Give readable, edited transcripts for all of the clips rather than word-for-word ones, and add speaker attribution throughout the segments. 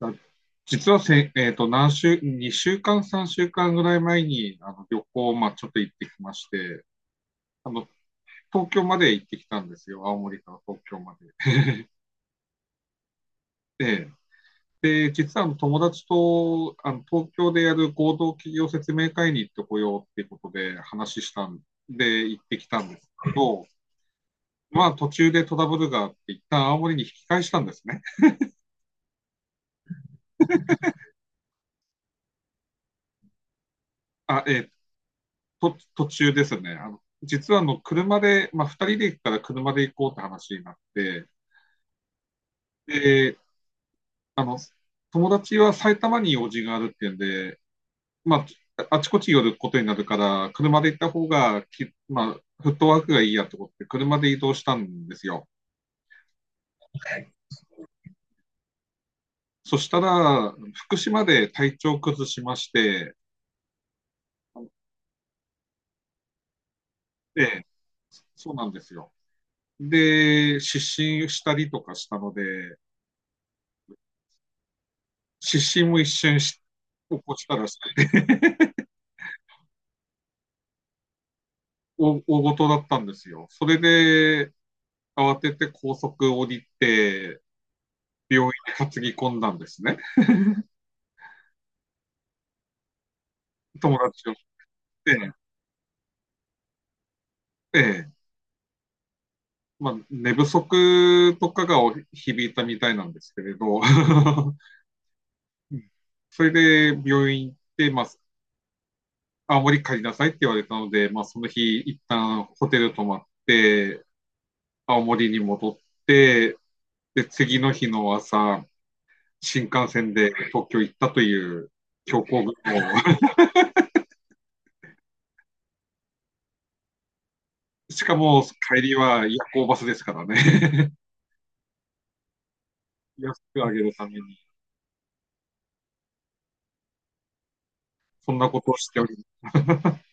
Speaker 1: あ実はせ、えっと、何週、2週間、3週間ぐらい前に、旅行を、ちょっと行ってきまして、あの、東京まで行ってきたんですよ。青森から東京まで。実は友達と、東京でやる合同企業説明会に行ってこようっていうことで話したんで、行ってきたんですけど、途中でトラブルがあって、一旦青森に引き返したんですね。あ、えっ途中ですね。実は車で、2人で行ったら車で行こうって話になって、で、あの、友達は埼玉に用事があるっていうんで、まあちこち寄ることになるから、車で行った方がき、まあ、フットワークがいいやってことで、車で移動したんですよ。そしたら、福島で体調崩しまして、で、そうなんですよ。失神したりとかしたので、失神も一瞬し起こしたらしくて 大事だったんですよ。それで、慌てて高速降りて、病院に担ぎ込んだんですね。友達を追って、ええ、寝不足とかが響いたみたいなんですけれど、うん。それで病院行って、青森帰りなさいって言われたので、その日、一旦ホテル泊まって、青森に戻って、で、次の日の朝、新幹線で東京行ったという強行軍を。しかも、帰りは夜行バスですからね。安く上げるために、そんなことをしております。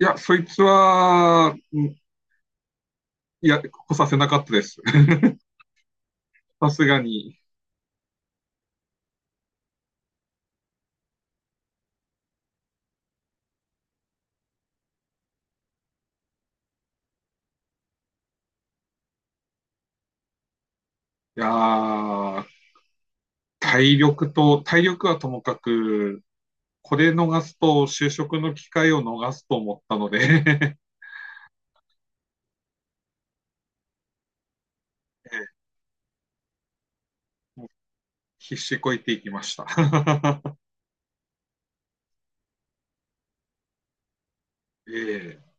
Speaker 1: いや、そいつは、いや、来させなかったです。さすがに。やー、体力はともかく、これ逃すと、就職の機会を逃すと思ったので、 もう必死こいていきました。ええ。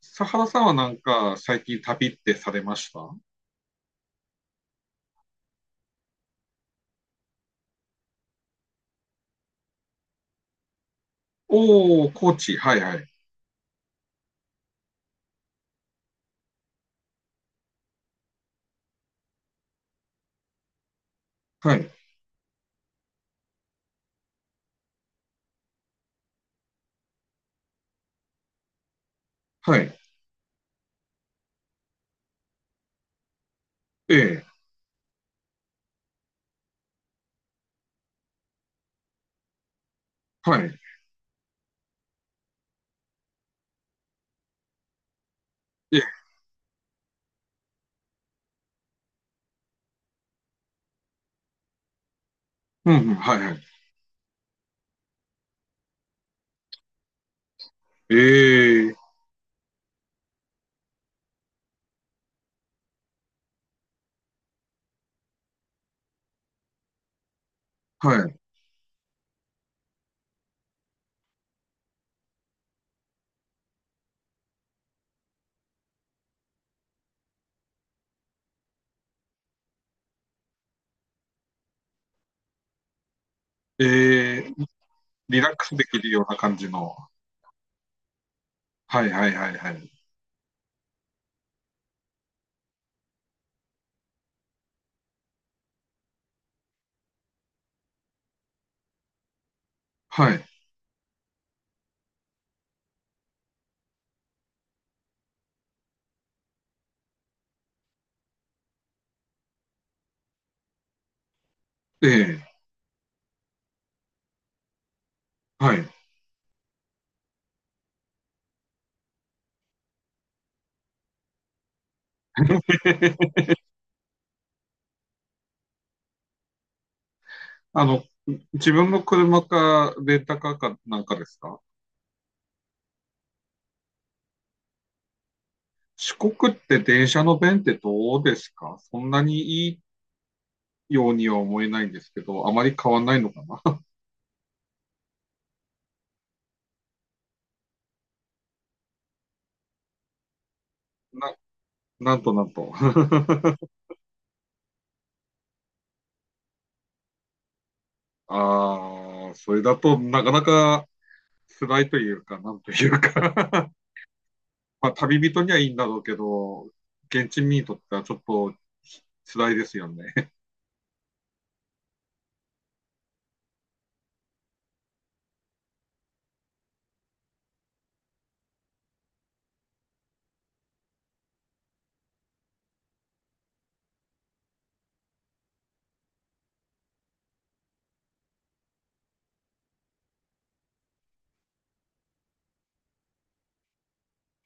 Speaker 1: 佐原さんはなんか、最近旅ってされました？おー、高知。はいはい。はい。はい。ええ、はい。ええ、うんうん、はいはい。ええ、はい。ええ、リラックスできるような感じの。はいはいはいはい。はい。ええ、はい。あの、自分の車か、レンタカーかなんかですか？四国って電車の便ってどうですか？そんなにいいようには思えないんですけど、あまり変わんないのかな？ な、なんとなんと。ああ、それだとなかなか辛いというか、なんというか。まあ、旅人にはいいんだろうけど、現地民にとってはちょっと辛いですよね。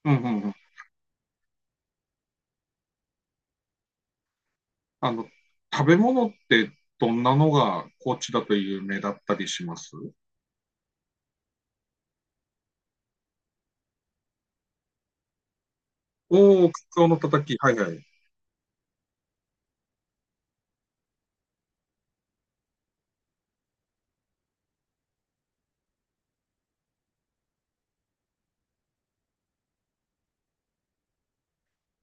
Speaker 1: うんうんうん。あの、食べ物ってどんなのが高知だと有名だったりします？おおー、カツオのたたき。はいはい。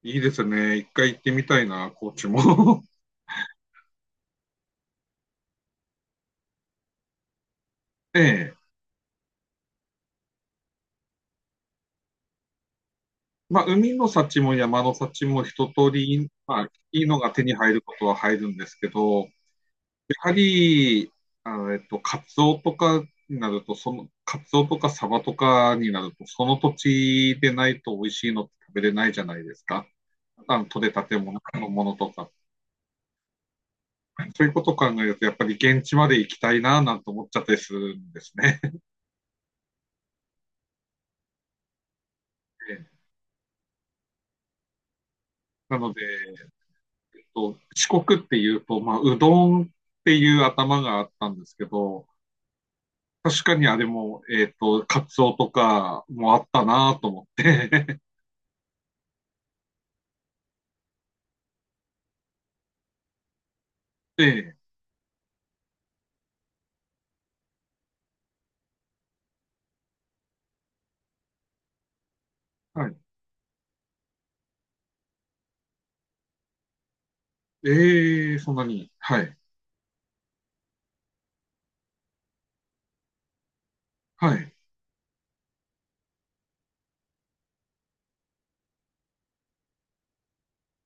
Speaker 1: いいですね。一回行ってみたいな、高知も。ええ。海の幸も山の幸も一通り、いいのが手に入ることは入るんですけど、やはり、カツオとかになると、カツオとかサバとかになると、その土地でないと美味しいのって食べれないじゃないですか。あの、取れたてもののものとか。そういうことを考えると、やっぱり現地まで行きたいな、なんて思っちゃったりするんですね。なので、四国っていうと、うどんっていう頭があったんですけど、確かにあれも、カツオとかもあったなと思って。で、はい。ええ、そんなに。はい。はい。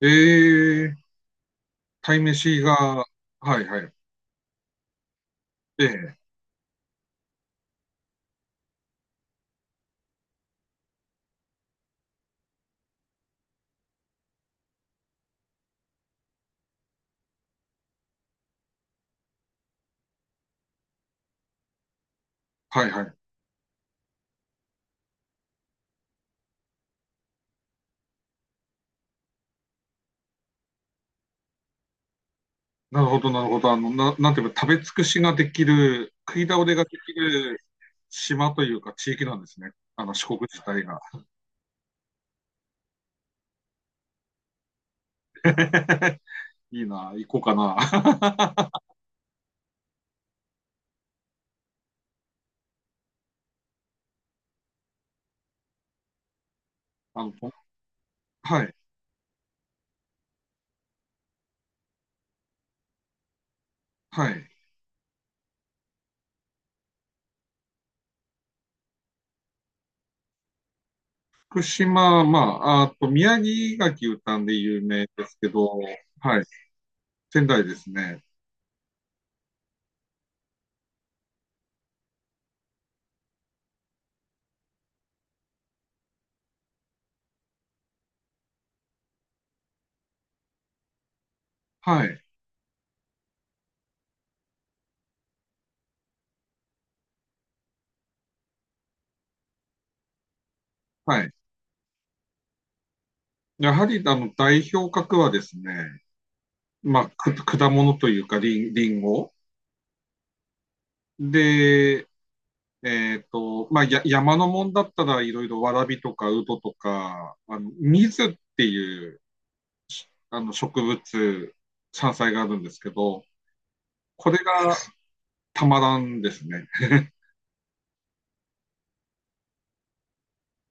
Speaker 1: ええ、鯛めしが、はいはい。ええ、はいはい。なるほど、なるほど。なんていうか、食べ尽くしができる、食い倒れができる島というか地域なんですね。あの、四国自体が。いいな、行こうかな。あの、はい、はい。福島、まあ、あと、宮城牡蠣たんで有名ですけど、はい、仙台ですね。はい、はい。やはり、代表格はですね、まあ、果物というか、リンゴで、山のもんだったら、いろいろわらびとかウドとか、水っていう、植物、山菜があるんですけど、これがたまらんですね。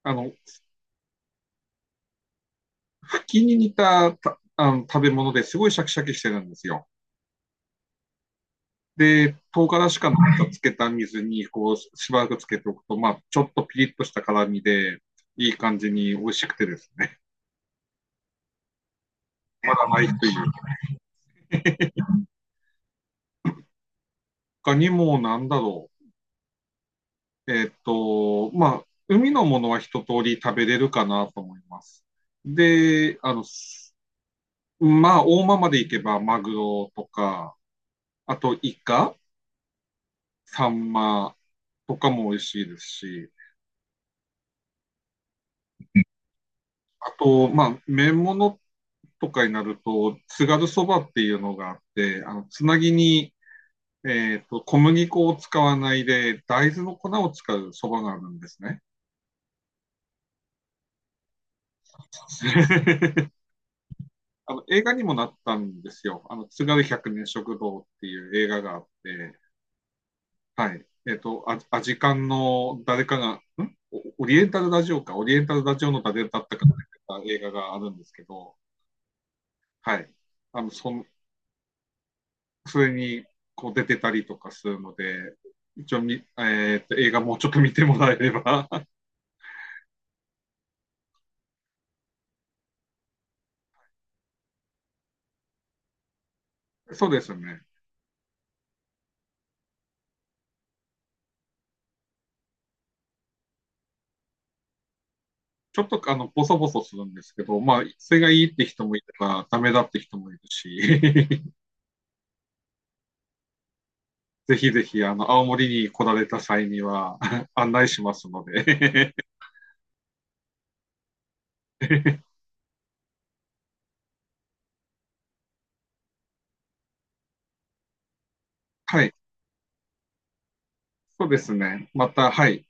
Speaker 1: あの、茎に似た、食べ物ですごいシャキシャキしてるんですよ。で、唐辛子かなんかつけた水に、こう、しばらくつけておくと、ちょっとピリッとした辛みで、いい感じに美味しくてですね、まだないという。他にもなんだろう。海のものは一通り食べれるかなと思います。で、あの、すまあ、大間まで行けばマグロとか、あとイカ、サンマとかも美味しいですし、あと、麺物とかになると、津軽そばっていうのがあって、つなぎに、小麦粉を使わないで、大豆の粉を使うそばがあるんですね。あの、映画にもなったんですよ。あの、津軽百年食堂っていう映画があって、はい。アジカンの誰かが、オリエンタルラジオか、オリエンタルラジオの誰だったかが出てた映画があるんですけど、はい。あの、そん、それに、こう出てたりとかするので、一応み、えっと、映画もうちょっと見てもらえれば。そうですね。ちょっと、あの、ボソボソするんですけど、まあ、それがいいって人もいれば、ダメだって人もいるし。ぜひぜひ、あの、青森に来られた際には 案内しますので。 はい。そうですね。また、はい。